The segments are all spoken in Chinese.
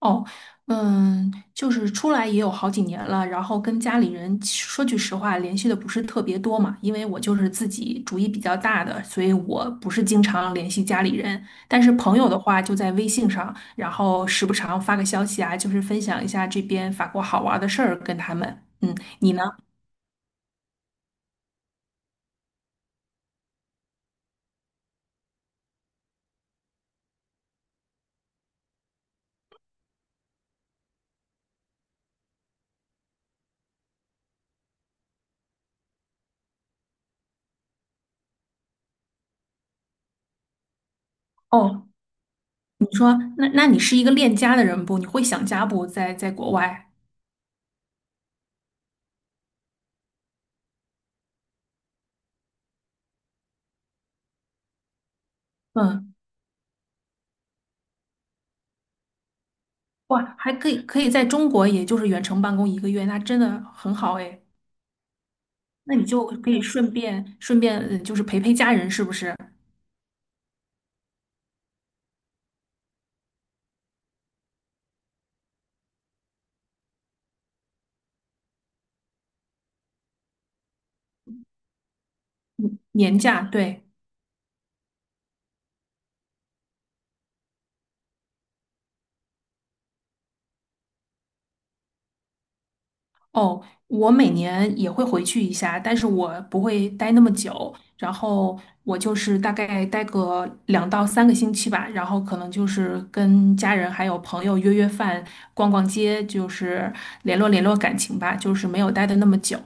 哦，嗯，就是出来也有好几年了，然后跟家里人其说句实话，联系的不是特别多嘛，因为我就是自己主意比较大的，所以我不是经常联系家里人。但是朋友的话，就在微信上，然后时不常发个消息啊，就是分享一下这边法国好玩的事儿跟他们。嗯，你呢？哦，你说，那你是一个恋家的人不？你会想家不？在国外？嗯，哇，还可以在中国，也就是远程办公一个月，那真的很好哎。那你就可以顺便就是陪陪家人，是不是？年假，对。哦，我每年也会回去一下，但是我不会待那么久，然后我就是大概待个两到三个星期吧，然后可能就是跟家人还有朋友约约饭、逛逛街，就是联络联络感情吧，就是没有待的那么久。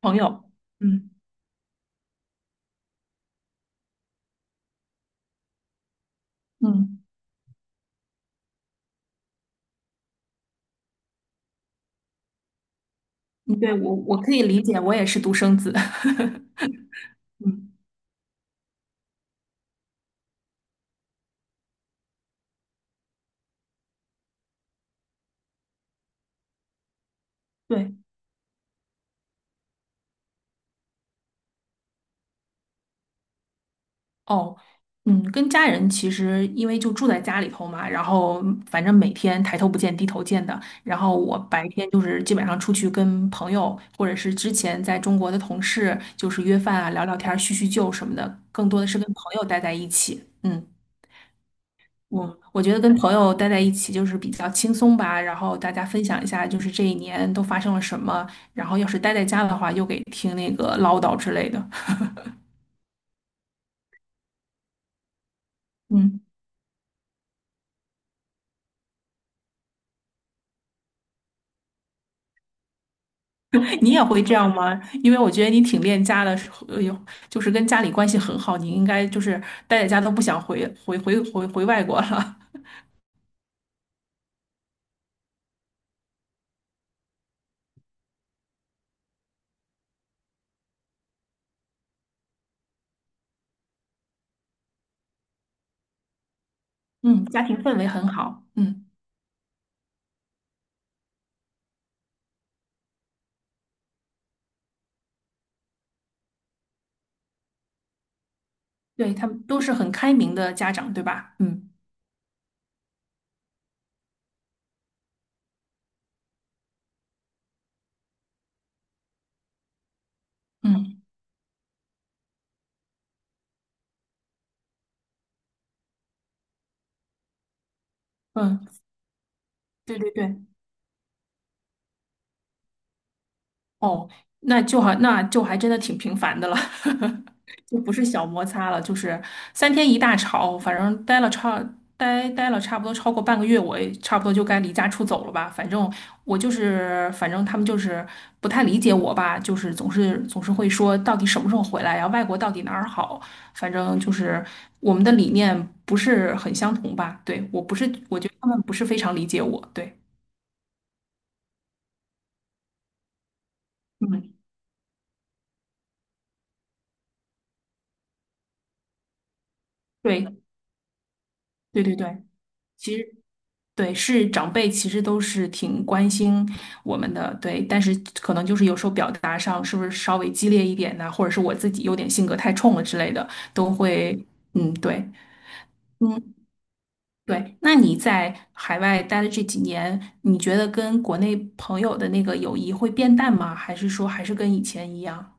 朋友，嗯嗯，对，我可以理解，我也是独生子，嗯，对。哦，嗯，跟家人其实因为就住在家里头嘛，然后反正每天抬头不见低头见的。然后我白天就是基本上出去跟朋友，或者是之前在中国的同事，就是约饭啊、聊聊天儿叙叙旧什么的，更多的是跟朋友待在一起。嗯，我觉得跟朋友待在一起就是比较轻松吧，然后大家分享一下就是这一年都发生了什么，然后要是待在家的话，又给听那个唠叨之类的。嗯。你也会这样吗？因为我觉得你挺恋家的，呃，有就是跟家里关系很好，你应该就是待在家都不想回外国了。嗯，家庭氛围很好。嗯，对，他们都是很开明的家长，对吧？嗯嗯嗯，对对对。哦，那就好，那就还真的挺平凡的了，就不是小摩擦了，就是三天一大吵，反正待了差不多超过半个月，我也差不多就该离家出走了吧。反正我就是，反正他们就是不太理解我吧，就是总是会说到底什么时候回来呀？外国到底哪儿好？反正就是我们的理念不是很相同吧。对，我不是，我觉得他们不是非常理解我。对，嗯，对，对对对。对，是长辈其实都是挺关心我们的，对，但是可能就是有时候表达上是不是稍微激烈一点呢、或者是我自己有点性格太冲了之类的，都会，嗯，对，嗯，对。那你在海外待的这几年，你觉得跟国内朋友的那个友谊会变淡吗？还是说还是跟以前一样？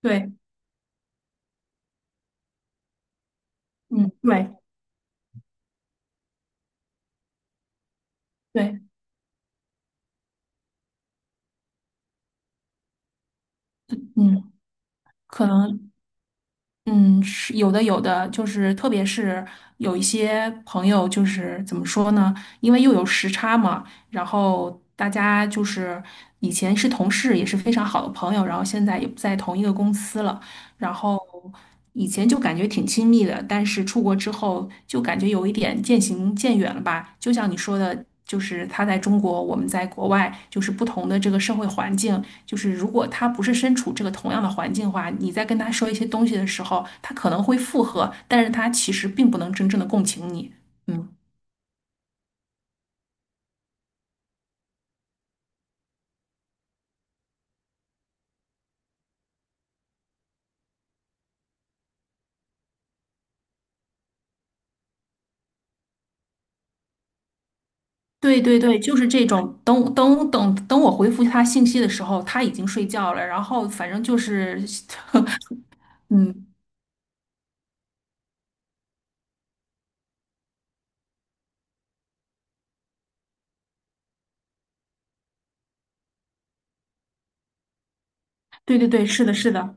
对，嗯，对，对，嗯，可能。嗯，是有的，有的，就是特别是有一些朋友，就是怎么说呢？因为又有时差嘛，然后大家就是以前是同事，也是非常好的朋友，然后现在也不在同一个公司了。然后以前就感觉挺亲密的，但是出国之后就感觉有一点渐行渐远了吧。就像你说的，就是他在中国，我们在国外，就是不同的这个社会环境，就是如果他不是身处这个同样的环境的话，你在跟他说一些东西的时候，他可能会附和，但是他其实并不能真正的共情你。嗯，对对对，就是这种。等，我回复他信息的时候，他已经睡觉了。然后反正就是，嗯，对对对，是的，是的。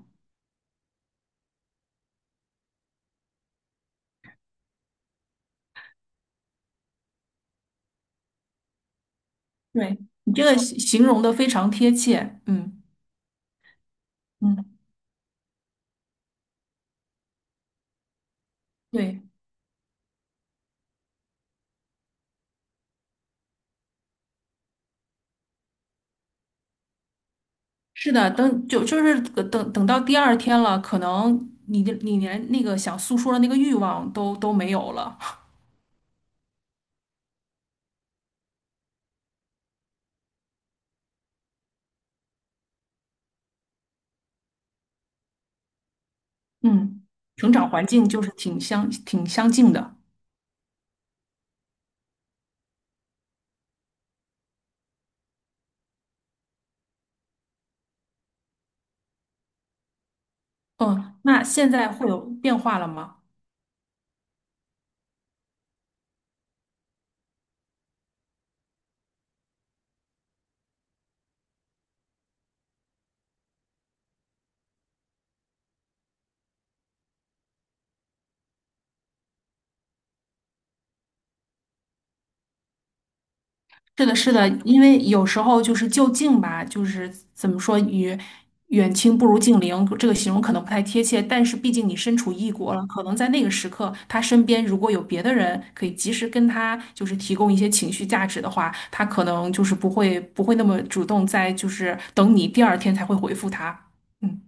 对，你这个形容的非常贴切，嗯嗯，对，是的，等就就是等等到第二天了，可能你连那个想诉说的那个欲望都没有了，嗯，成长环境就是挺相近的，嗯，那现在会有变化了吗？是的，是的，因为有时候就是就近吧，就是怎么说，与远亲不如近邻，这个形容可能不太贴切，但是毕竟你身处异国了，可能在那个时刻，他身边如果有别的人可以及时跟他就是提供一些情绪价值的话，他可能就是不会那么主动在就是等你第二天才会回复他。嗯，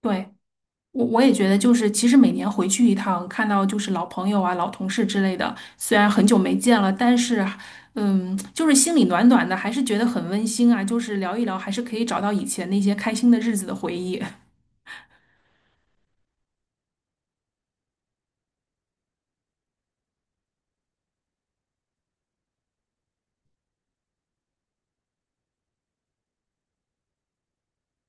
对。我也觉得，就是其实每年回去一趟，看到就是老朋友啊、老同事之类的，虽然很久没见了，但是，嗯，就是心里暖暖的，还是觉得很温馨啊。就是聊一聊，还是可以找到以前那些开心的日子的回忆。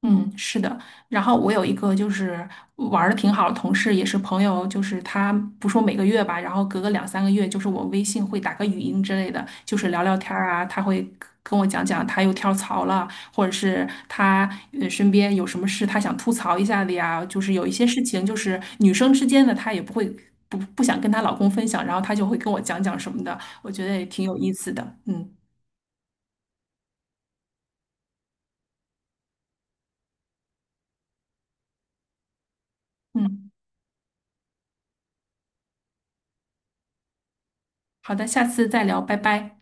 嗯，是的。然后我有一个就是玩的挺好的同事，也是朋友，就是他不说每个月吧，然后隔个两三个月，就是我微信会打个语音之类的，就是聊聊天儿啊。他会跟我讲讲他又跳槽了，或者是他身边有什么事他想吐槽一下的呀。就是有一些事情，就是女生之间的，她也不会不想跟她老公分享，然后她就会跟我讲讲什么的，我觉得也挺有意思的。嗯嗯，好的，下次再聊，拜拜。